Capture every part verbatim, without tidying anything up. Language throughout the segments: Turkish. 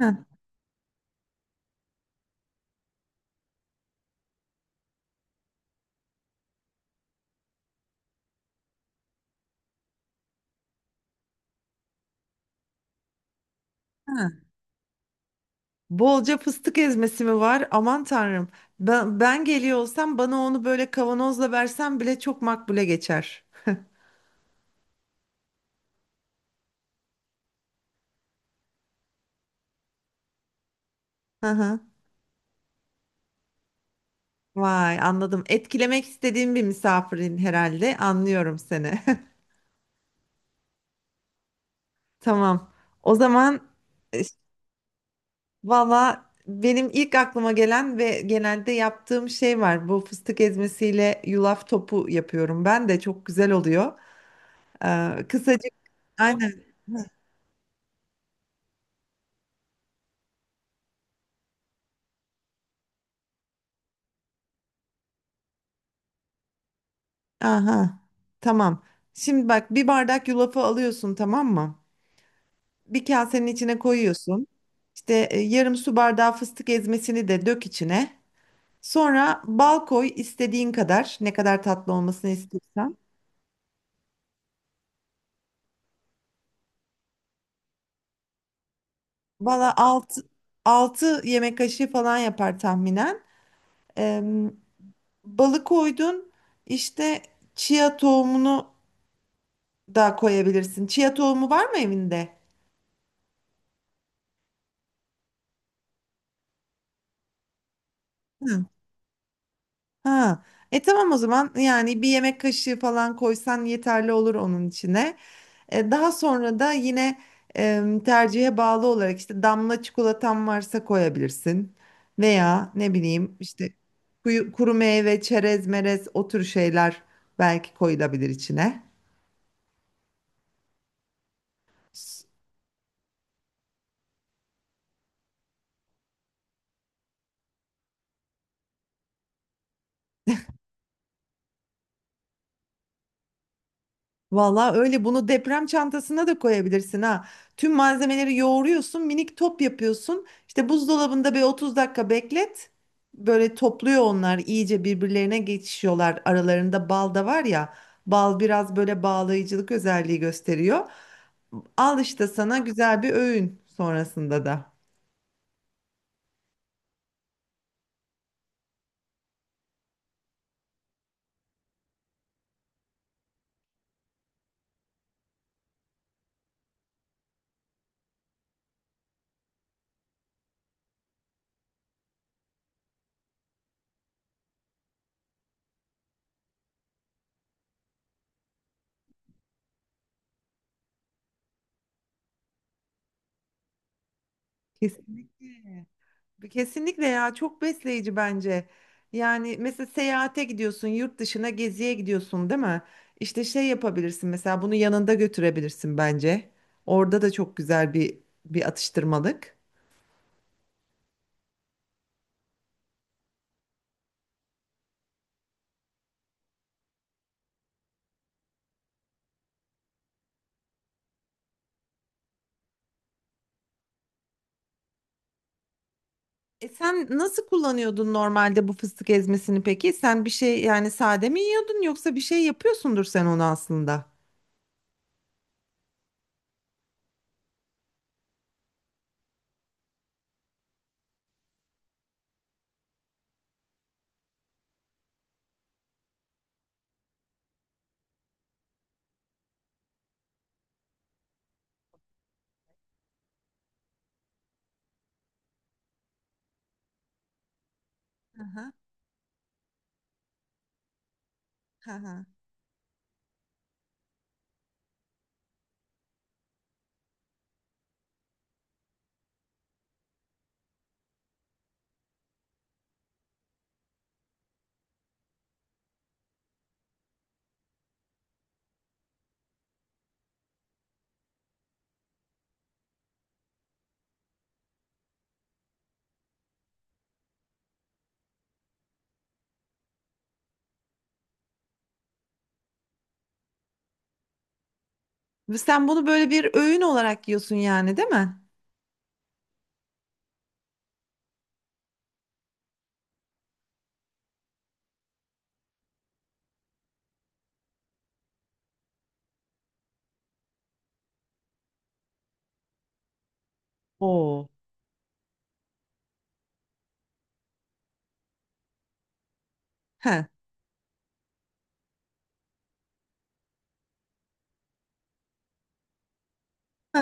Heh, heh. Bolca fıstık ezmesi mi var? Aman tanrım. Ben, ben geliyor olsam bana onu böyle kavanozla versen bile çok makbule geçer. Hı hı. Vay anladım. Etkilemek istediğim bir misafirin herhalde. Anlıyorum seni. Tamam. O zaman e, valla benim ilk aklıma gelen ve genelde yaptığım şey var. Bu fıstık ezmesiyle yulaf topu yapıyorum. Ben de çok güzel oluyor. Ee, kısacık aynen. Aha, tamam. Şimdi bak bir bardak yulafı alıyorsun, tamam mı? Bir kasenin içine koyuyorsun. İşte e, yarım su bardağı fıstık ezmesini de dök içine. Sonra bal koy istediğin kadar. Ne kadar tatlı olmasını istiyorsan. Valla 6, altı yemek kaşığı falan yapar tahminen. Ee, balı koydun. İşte chia tohumunu da koyabilirsin. Chia tohumu var mı evinde? Hı. Ha. E tamam o zaman, yani bir yemek kaşığı falan koysan yeterli olur onun içine. E, daha sonra da yine e, tercihe bağlı olarak işte damla çikolatan varsa koyabilirsin. Veya ne bileyim işte kuyu- kuru meyve, çerez, merez o tür şeyler belki koyulabilir içine. Valla öyle, bunu deprem çantasına da koyabilirsin ha. Tüm malzemeleri yoğuruyorsun, minik top yapıyorsun. İşte buzdolabında bir otuz dakika beklet. Böyle topluyor onlar, iyice birbirlerine geçişiyorlar. Aralarında bal da var ya. Bal biraz böyle bağlayıcılık özelliği gösteriyor. Al işte sana güzel bir öğün sonrasında da. Kesinlikle. Kesinlikle ya, çok besleyici bence. Yani mesela seyahate gidiyorsun, yurt dışına geziye gidiyorsun, değil mi? İşte şey yapabilirsin, mesela bunu yanında götürebilirsin bence. Orada da çok güzel bir bir atıştırmalık. E sen nasıl kullanıyordun normalde bu fıstık ezmesini peki? Sen bir şey, yani sade mi yiyordun yoksa bir şey yapıyorsundur sen onu aslında. Hı hı, hı hı. Ve sen bunu böyle bir öğün olarak yiyorsun yani, değil mi? Oo. He. He.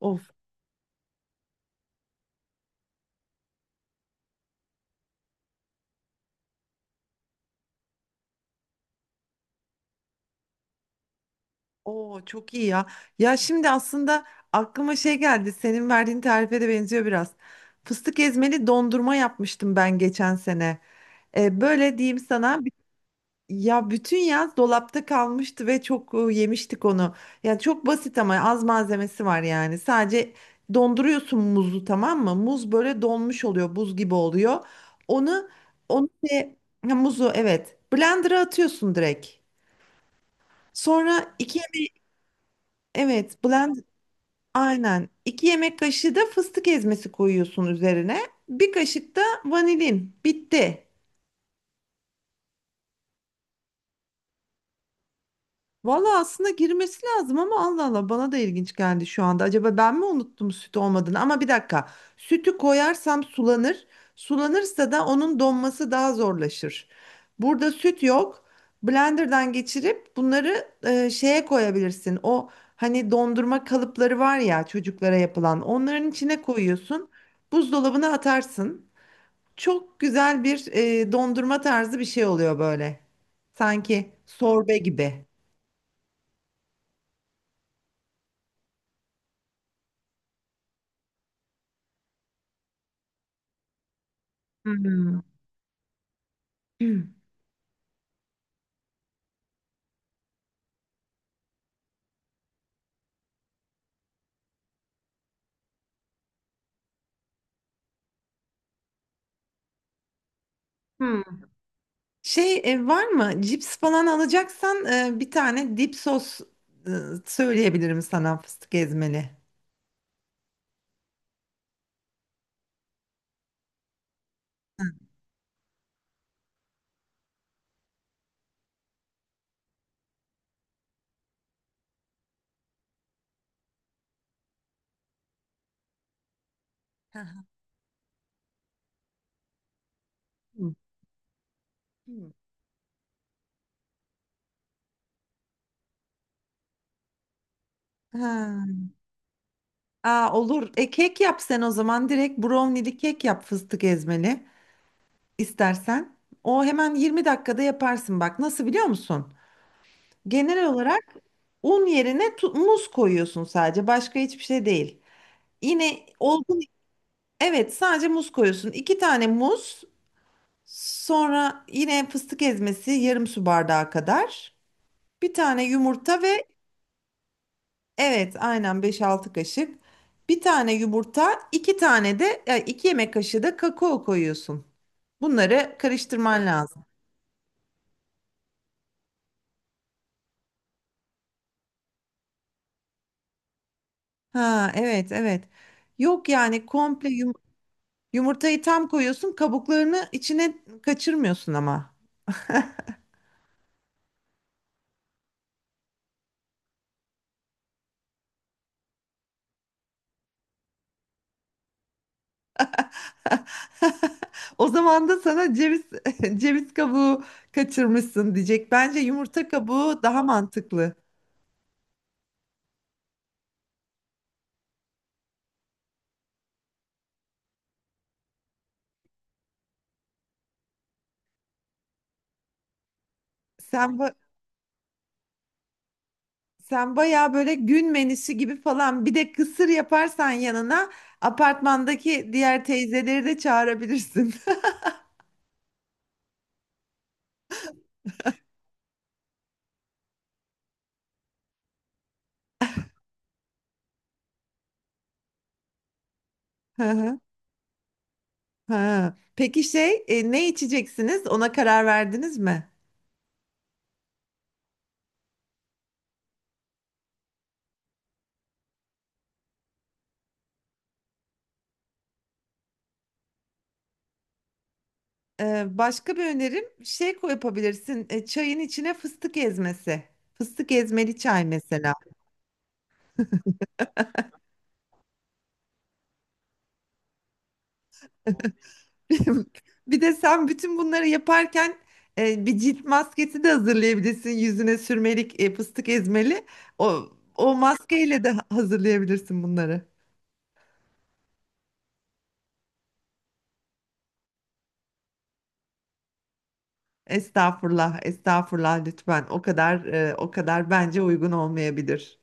Of. Oo çok iyi ya. Ya şimdi aslında aklıma şey geldi. Senin verdiğin tarife de benziyor biraz. Fıstık ezmeli dondurma yapmıştım ben geçen sene. E, böyle diyeyim sana. bi- Ya bütün yaz dolapta kalmıştı ve çok e, yemiştik onu. Ya çok basit ama az malzemesi var yani. Sadece donduruyorsun muzu, tamam mı? Muz böyle donmuş oluyor, buz gibi oluyor. Onu onu şey- ha, muzu evet. Blender'a atıyorsun direkt. Sonra iki evet, aynen. iki yemek kaşığı da fıstık ezmesi koyuyorsun üzerine. Bir kaşık da vanilin. Bitti. Valla aslında girmesi lazım ama Allah Allah, bana da ilginç geldi şu anda. Acaba ben mi unuttum süt olmadığını? Ama bir dakika. Sütü koyarsam sulanır. Sulanırsa da onun donması daha zorlaşır. Burada süt yok. Blenderdan geçirip bunları e, şeye koyabilirsin. O hani dondurma kalıpları var ya, çocuklara yapılan. Onların içine koyuyorsun. Buzdolabına atarsın. Çok güzel bir e, dondurma tarzı bir şey oluyor böyle. Sanki sorbe gibi. Hmm. Şey e, var mı? Cips falan alacaksan e, bir tane dip sos e, söyleyebilirim sana, fıstık ezmeli. Hı hı. Hmm. Ha. Aa, olur. E, kek yap sen o zaman. Direkt brownie'li kek yap, fıstık ezmeli istersen. O hemen yirmi dakikada yaparsın bak. Nasıl biliyor musun? Genel olarak un yerine tu- muz koyuyorsun sadece. Başka hiçbir şey değil. Yine olgun, evet sadece muz koyuyorsun. İki tane muz, sonra yine fıstık ezmesi yarım su bardağı kadar. Bir tane yumurta ve evet aynen beş altı kaşık. Bir tane yumurta, iki tane de e, iki yemek kaşığı da kakao koyuyorsun. Bunları karıştırman lazım. Ha evet, evet. Yok yani komple yum- yumurtayı tam koyuyorsun, kabuklarını içine kaçırmıyorsun ama. O zaman da sana ceviz ceviz kabuğu kaçırmışsın diyecek. Bence yumurta kabuğu daha mantıklı. Sen ba- sen bayağı böyle gün menüsü gibi falan, bir de kısır yaparsan yanına apartmandaki diğer teyzeleri de çağırabilirsin. Hı hı, hı. Peki şey e, ne içeceksiniz? Ona karar verdiniz mi? Ee, başka bir önerim şey koy- yapabilirsin. E, çayın içine fıstık ezmesi. Fıstık ezmeli çay mesela. Bir de sen bütün bunları yaparken e, bir cilt maskesi de hazırlayabilirsin. Yüzüne sürmelik, e, fıstık ezmeli. O, o maskeyle de ha- hazırlayabilirsin bunları. Estağfurullah, estağfurullah, lütfen. O kadar e, o kadar bence uygun olmayabilir.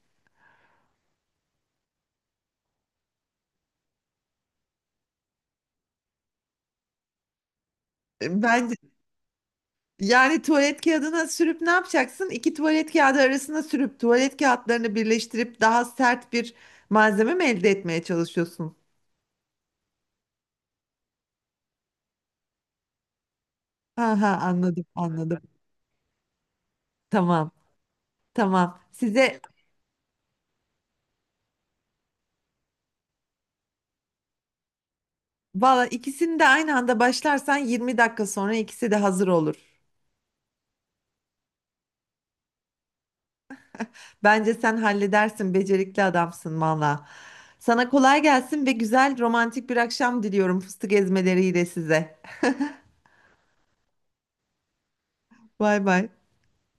E, bence yani tuvalet kağıdına sürüp ne yapacaksın? İki tuvalet kağıdı arasına sürüp tuvalet kağıtlarını birleştirip daha sert bir malzeme mi elde etmeye çalışıyorsun? Ha ha, anladım, anladım. Tamam. Tamam. Size valla ikisini de aynı anda başlarsan yirmi dakika sonra ikisi de hazır olur. Bence sen halledersin, becerikli adamsın valla. Sana kolay gelsin ve güzel romantik bir akşam diliyorum fıstık ezmeleriyle size. Bay bay.